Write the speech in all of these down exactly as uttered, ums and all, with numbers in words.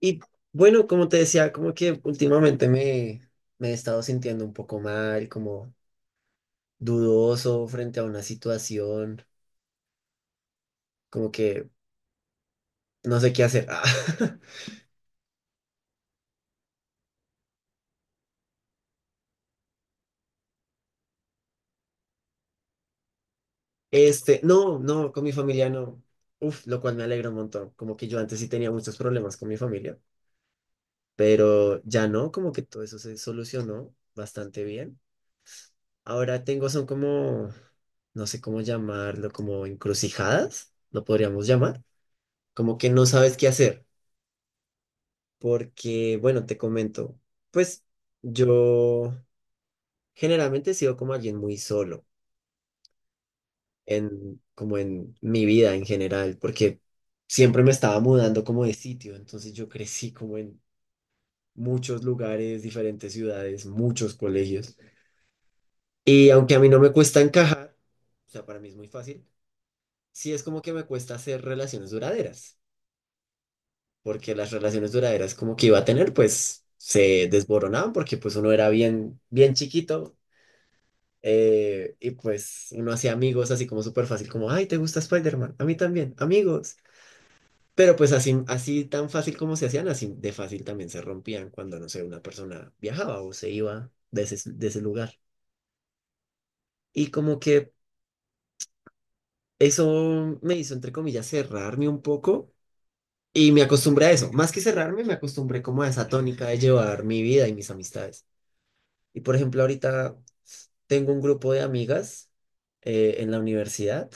Y bueno, como te decía, como que últimamente me, me he estado sintiendo un poco mal, como dudoso frente a una situación, como que no sé qué hacer. Ah, Este, no, no, con mi familia no. Uf, lo cual me alegra un montón. Como que yo antes sí tenía muchos problemas con mi familia, pero ya no, como que todo eso se solucionó bastante bien. Ahora tengo, son como, no sé cómo llamarlo, como encrucijadas, lo podríamos llamar, como que no sabes qué hacer porque, bueno, te comento, pues yo generalmente he sido como alguien muy solo en, como en mi vida en general, porque siempre me estaba mudando como de sitio, entonces yo crecí como en muchos lugares, diferentes ciudades, muchos colegios, y aunque a mí no me cuesta encajar, o sea, para mí es muy fácil, sí es como que me cuesta hacer relaciones duraderas, porque las relaciones duraderas como que iba a tener, pues se desboronaban porque pues uno era bien, bien chiquito. Eh, y pues uno hacía amigos así como súper fácil, como, ay, ¿te gusta Spider-Man? A mí también, amigos. Pero pues así, así tan fácil como se hacían, así de fácil también se rompían cuando, no sé, una persona viajaba o se iba de ese, de ese lugar. Y como que eso me hizo, entre comillas, cerrarme un poco y me acostumbré a eso. Más que cerrarme, me acostumbré como a esa tónica de llevar mi vida y mis amistades. Y por ejemplo, ahorita tengo un grupo de amigas eh, en la universidad.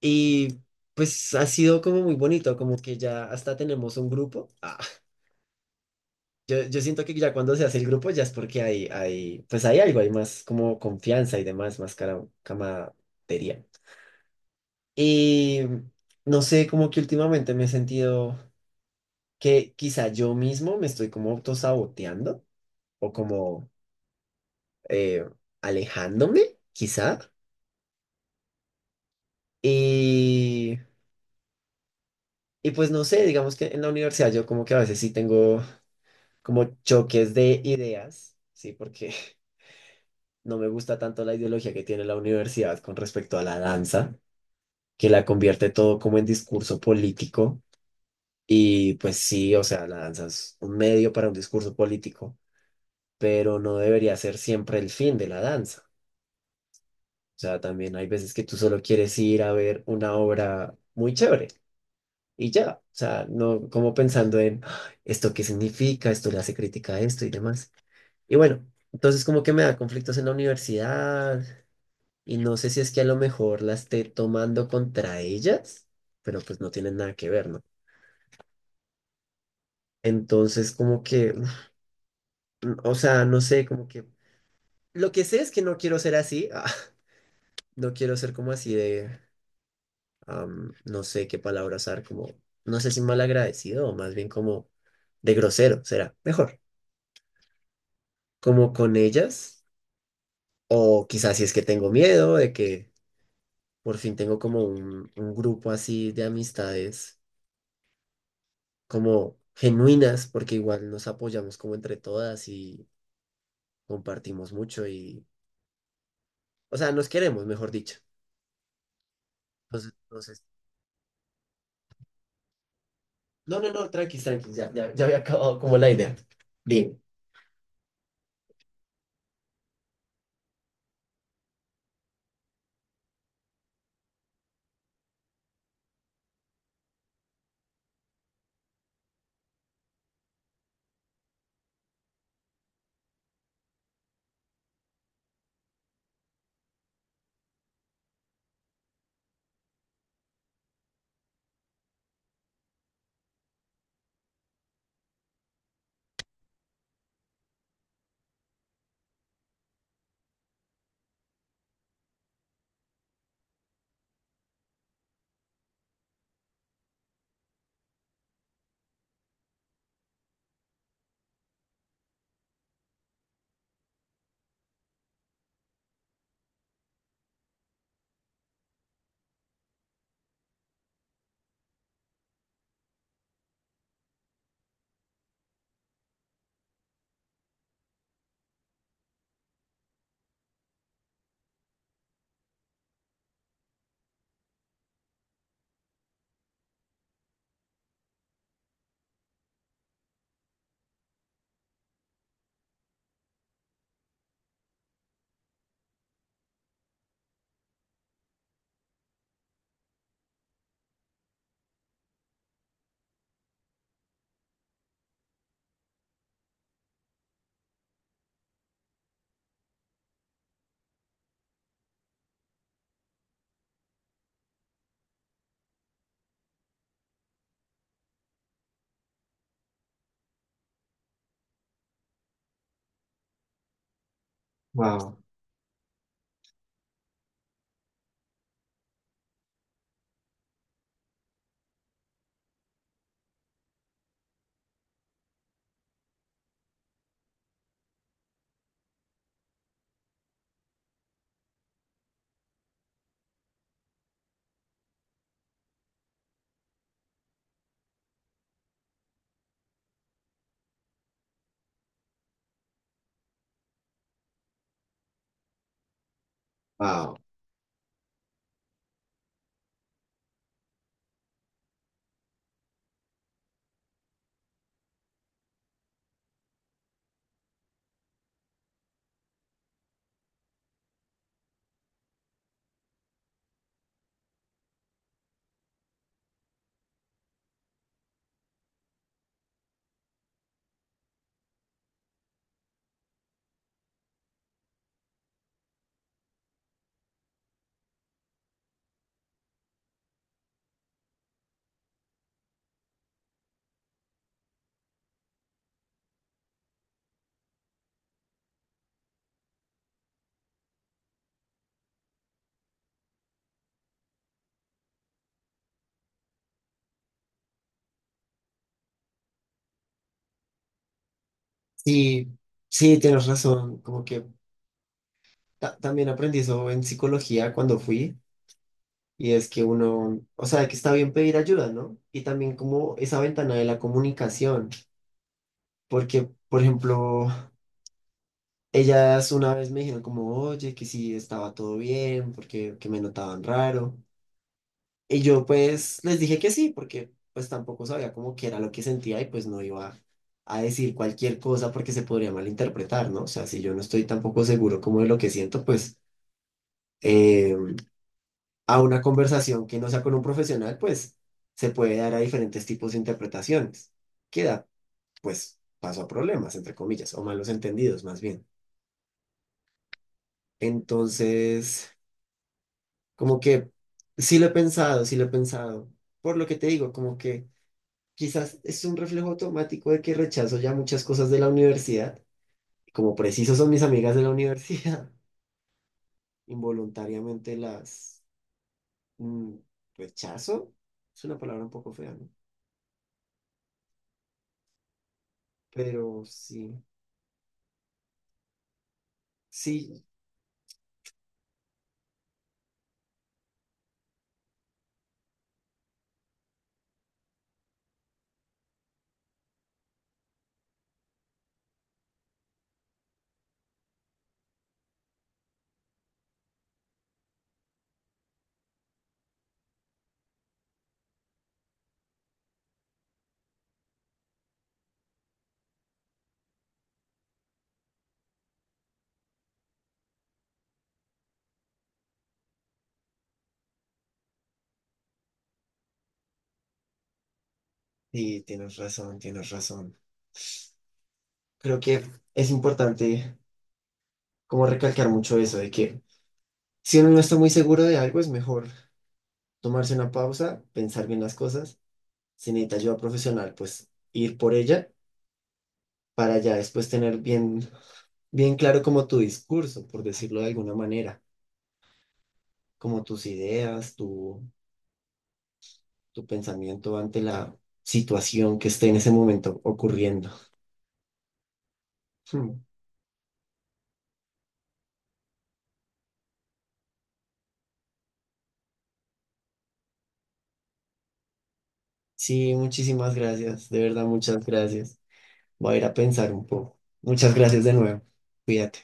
Y pues ha sido como muy bonito, como que ya hasta tenemos un grupo. Ah, yo, yo siento que ya cuando se hace el grupo ya es porque hay, hay, pues hay algo, hay más como confianza y demás, más cara, camaradería. Y no sé, como que últimamente me he sentido que quizá yo mismo me estoy como autosaboteando o como eh, alejándome, quizá. Y, y pues no sé, digamos que en la universidad yo como que a veces sí tengo como choques de ideas, ¿sí? Porque no me gusta tanto la ideología que tiene la universidad con respecto a la danza, que la convierte todo como en discurso político. Y pues sí, o sea, la danza es un medio para un discurso político, pero no debería ser siempre el fin de la danza. O sea, también hay veces que tú solo quieres ir a ver una obra muy chévere y ya. O sea, no como pensando en "Ah, esto qué significa, esto le hace crítica a esto y demás". Y bueno, entonces como que me da conflictos en la universidad y no sé si es que a lo mejor la esté tomando contra ellas, pero pues no tienen nada que ver, ¿no? Entonces como que, uf, n- o sea, no sé, como que lo que sé es que no quiero ser así, ah, no quiero ser como así de, am, no sé qué palabra usar, como, no sé si malagradecido o más bien como de grosero, será mejor, como con ellas, o quizás si es que tengo miedo de que. Por fin tengo como un, un grupo así de amistades, como genuinas, porque igual nos apoyamos como entre todas y compartimos mucho y, o sea, nos queremos, mejor dicho. Entonces, entonces, no, no, no, tranqui, tranqui, ya, ya, ya había acabado como la idea. Bien. Wow, wow. Sí, sí, tienes razón. Como que ta- también aprendí eso en psicología cuando fui. Y es que uno, o sea, que está bien pedir ayuda, ¿no? Y también como esa ventana de la comunicación. Porque, por ejemplo, ellas una vez me dijeron como, oye, que sí estaba todo bien, porque que me notaban raro. Y yo pues les dije que sí, porque pues tampoco sabía cómo que era lo que sentía y pues no iba a decir cualquier cosa porque se podría malinterpretar, ¿no? O sea, si yo no estoy tampoco seguro como de lo que siento, pues eh, a una conversación que no sea con un profesional, pues se puede dar a diferentes tipos de interpretaciones. Queda pues paso a problemas, entre comillas, o malos entendidos más bien. Entonces, como que sí lo he pensado, sí lo he pensado. Por lo que te digo, como que quizás es un reflejo automático de que rechazo ya muchas cosas de la universidad. Como preciso son mis amigas de la universidad, involuntariamente las mm, rechazo. Es una palabra un poco fea, ¿no? Pero sí, sí, sí, tienes razón, tienes razón. Creo que es importante como recalcar mucho eso de que si uno no está muy seguro de algo es mejor tomarse una pausa, pensar bien las cosas. Si necesita ayuda profesional, pues ir por ella para ya después tener bien, bien claro como tu discurso, por decirlo de alguna manera, como tus ideas, tu, tu pensamiento ante la situación que esté en ese momento ocurriendo. Hmm. Sí, muchísimas gracias, de verdad, muchas gracias. Voy a ir a pensar un poco. Muchas gracias de nuevo. Cuídate.